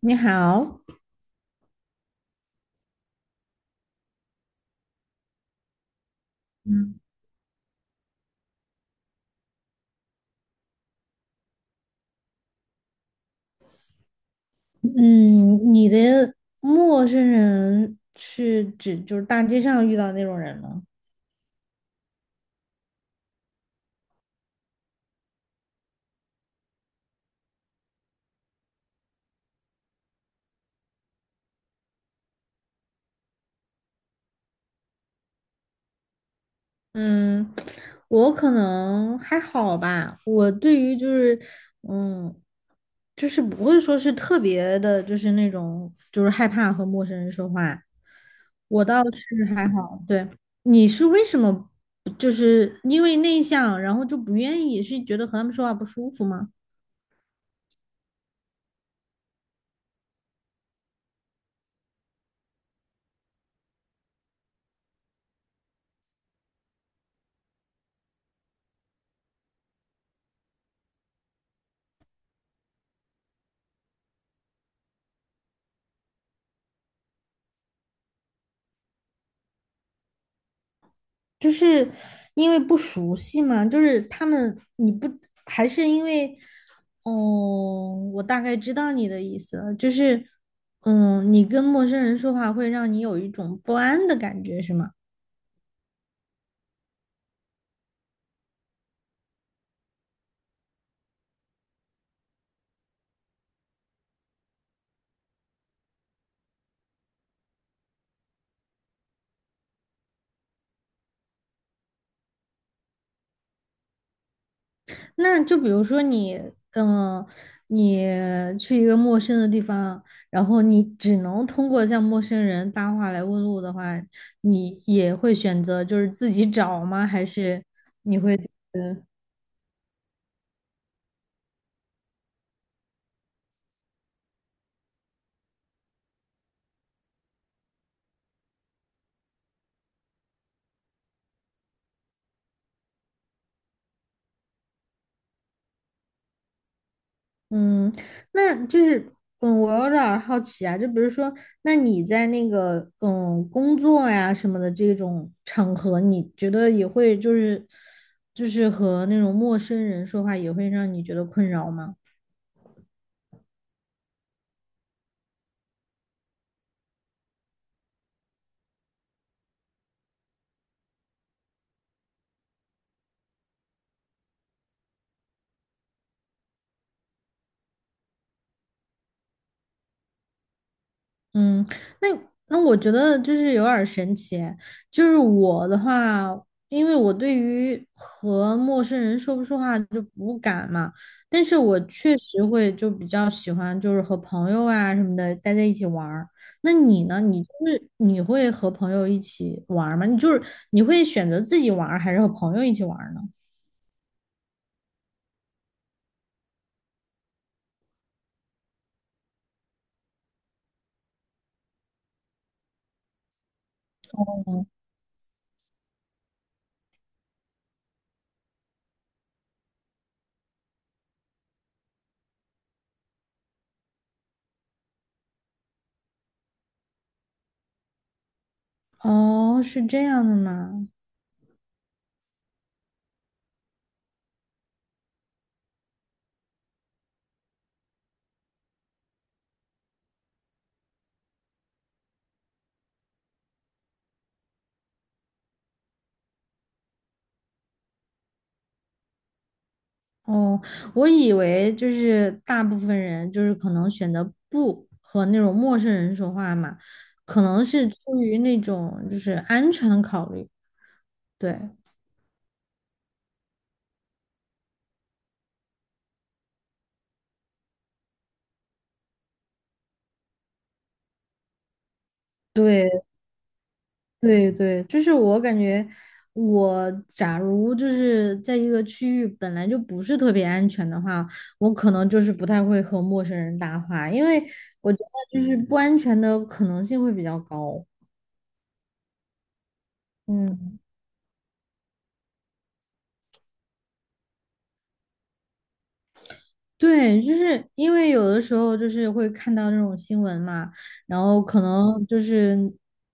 你好。嗯，嗯，你的陌生人是指就是大街上遇到那种人吗？嗯，我可能还好吧。我对于就是嗯，就是不会说是特别的，就是那种就是害怕和陌生人说话。我倒是还好。对。你是为什么就是因为内向，然后就不愿意，是觉得和他们说话不舒服吗？就是因为不熟悉嘛，就是他们你不还是因为，哦，我大概知道你的意思了，就是，你跟陌生人说话会让你有一种不安的感觉，是吗？那就比如说嗯，你去一个陌生的地方，然后你只能通过向陌生人搭话来问路的话，你也会选择就是自己找吗？还是你会？嗯，那就是，我有点儿好奇啊，就比如说，那你在那个工作呀什么的这种场合，你觉得也会就是和那种陌生人说话，也会让你觉得困扰吗？嗯，那那我觉得就是有点儿神奇，就是我的话，因为我对于和陌生人说不说话就不敢嘛，但是我确实会就比较喜欢就是和朋友啊什么的待在一起玩儿。那你呢？你就是你会和朋友一起玩儿吗？你就是你会选择自己玩儿还是和朋友一起玩儿呢？哦，是这样的吗？哦，我以为就是大部分人就是可能选择不和那种陌生人说话嘛，可能是出于那种就是安全的考虑。对，对，对，对，就是我感觉我假如就是在一个区域本来就不是特别安全的话，我可能就是不太会和陌生人搭话，因为我觉得就是不安全的可能性会比较高。嗯。对，就是因为有的时候就是会看到这种新闻嘛，然后可能就是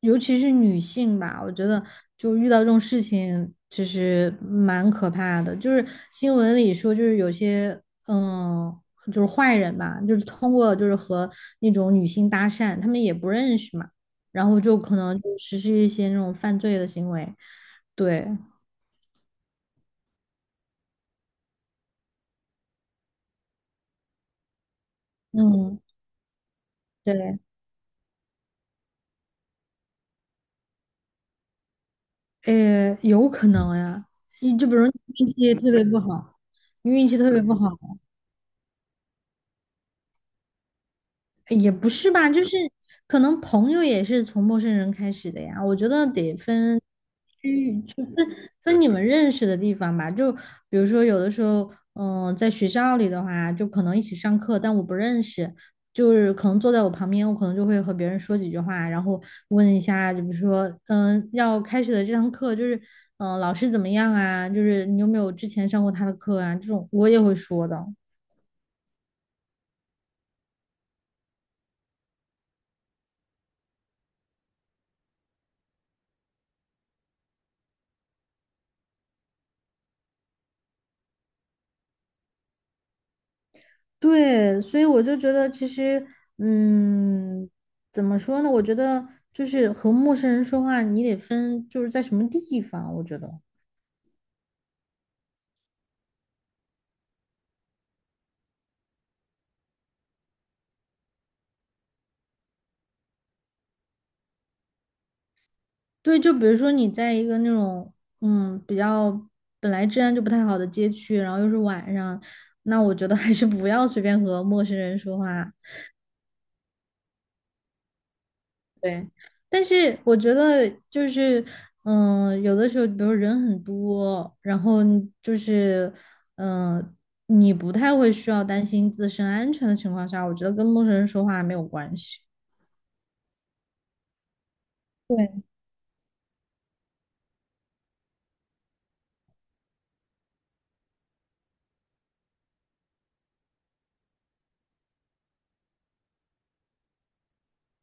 尤其是女性吧，我觉得就遇到这种事情其实蛮可怕的。就是新闻里说，就是有些嗯，就是坏人吧，就是通过就是和那种女性搭讪，他们也不认识嘛，然后就可能就实施一些那种犯罪的行为。对，嗯，对。有可能呀。你就比如你运气特别不好，你运气特别不好，诶也不是吧，就是可能朋友也是从陌生人开始的呀，我觉得得分你们认识的地方吧，就比如说有的时候，在学校里的话，就可能一起上课，但我不认识，就是可能坐在我旁边，我可能就会和别人说几句话，然后问一下，就比如说，要开始的这堂课就是，老师怎么样啊？就是你有没有之前上过他的课啊？这种我也会说的。对，所以我就觉得其实，嗯，怎么说呢？我觉得就是和陌生人说话，你得分就是在什么地方，我觉得。对，就比如说你在一个那种比较本来治安就不太好的街区，然后又是晚上，那我觉得还是不要随便和陌生人说话。对，但是我觉得就是有的时候比如人很多，然后你就是嗯、呃你不太会需要担心自身安全的情况下，我觉得跟陌生人说话没有关系。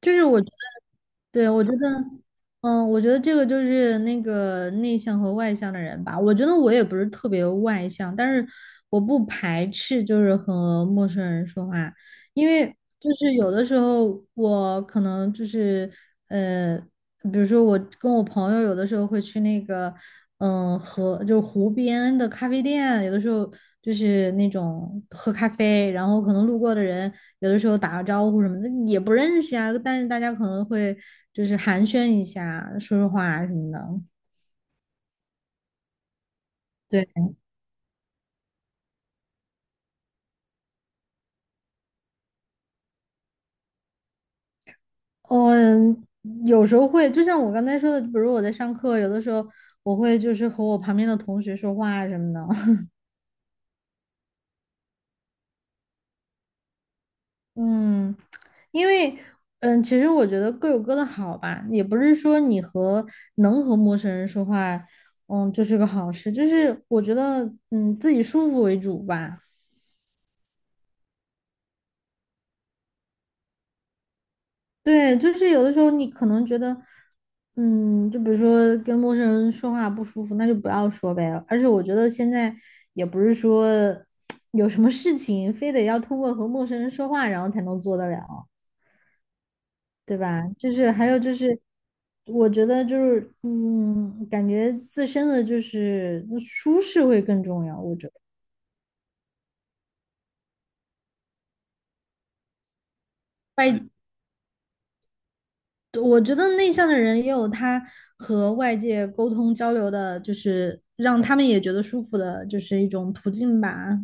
就是我觉得对，我觉得。我觉得这个就是那个内向和外向的人吧。我觉得我也不是特别外向，但是我不排斥就是和陌生人说话，因为就是有的时候我可能就是。呃。比如说我跟我朋友有的时候会去那个，就是湖边的咖啡店，有的时候就是那种喝咖啡，然后可能路过的人有的时候打个招呼什么的也不认识啊，但是大家可能会就是寒暄一下，说说话啊什么的。对，嗯，有时候会，就像我刚才说的，比如我在上课，有的时候我会就是和我旁边的同学说话啊什么的。嗯，因为其实我觉得各有各的好吧，也不是说能和陌生人说话，就是个好事，就是我觉得自己舒服为主吧。对，就是有的时候你可能觉得，就比如说跟陌生人说话不舒服，那就不要说呗。而且我觉得现在也不是说 有什么事情非得要通过和陌生人说话然后才能做得了。对吧？就是还有就是，我觉得就是，感觉自身的就是舒适会更重要。我觉得外，我觉得内向的人也有他和外界沟通交流的，就是让他们也觉得舒服的，就是一种途径吧。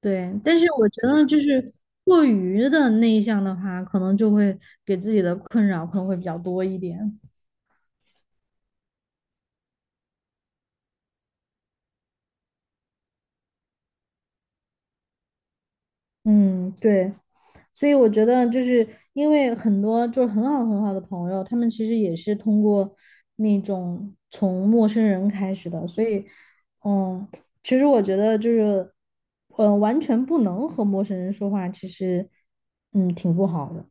对，但是我觉得就是过于的内向的话，可能就会给自己的困扰可能会比较多一点。嗯，对。所以我觉得就是因为很多就是很好很好的朋友，他们其实也是通过那种从陌生人开始的，所以嗯，其实我觉得就是完全不能和陌生人说话，其实挺不好的。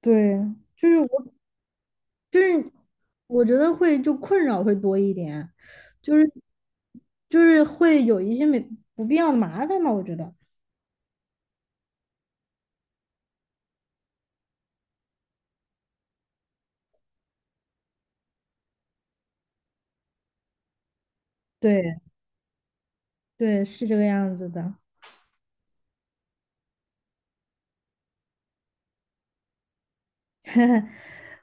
对，就是就是我觉得会就困扰会多一点，就是就是会有一些没不必要的麻烦嘛，我觉得。对对，是这个样子的。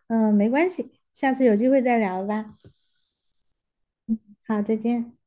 嗯，没关系，下次有机会再聊吧。好，再见。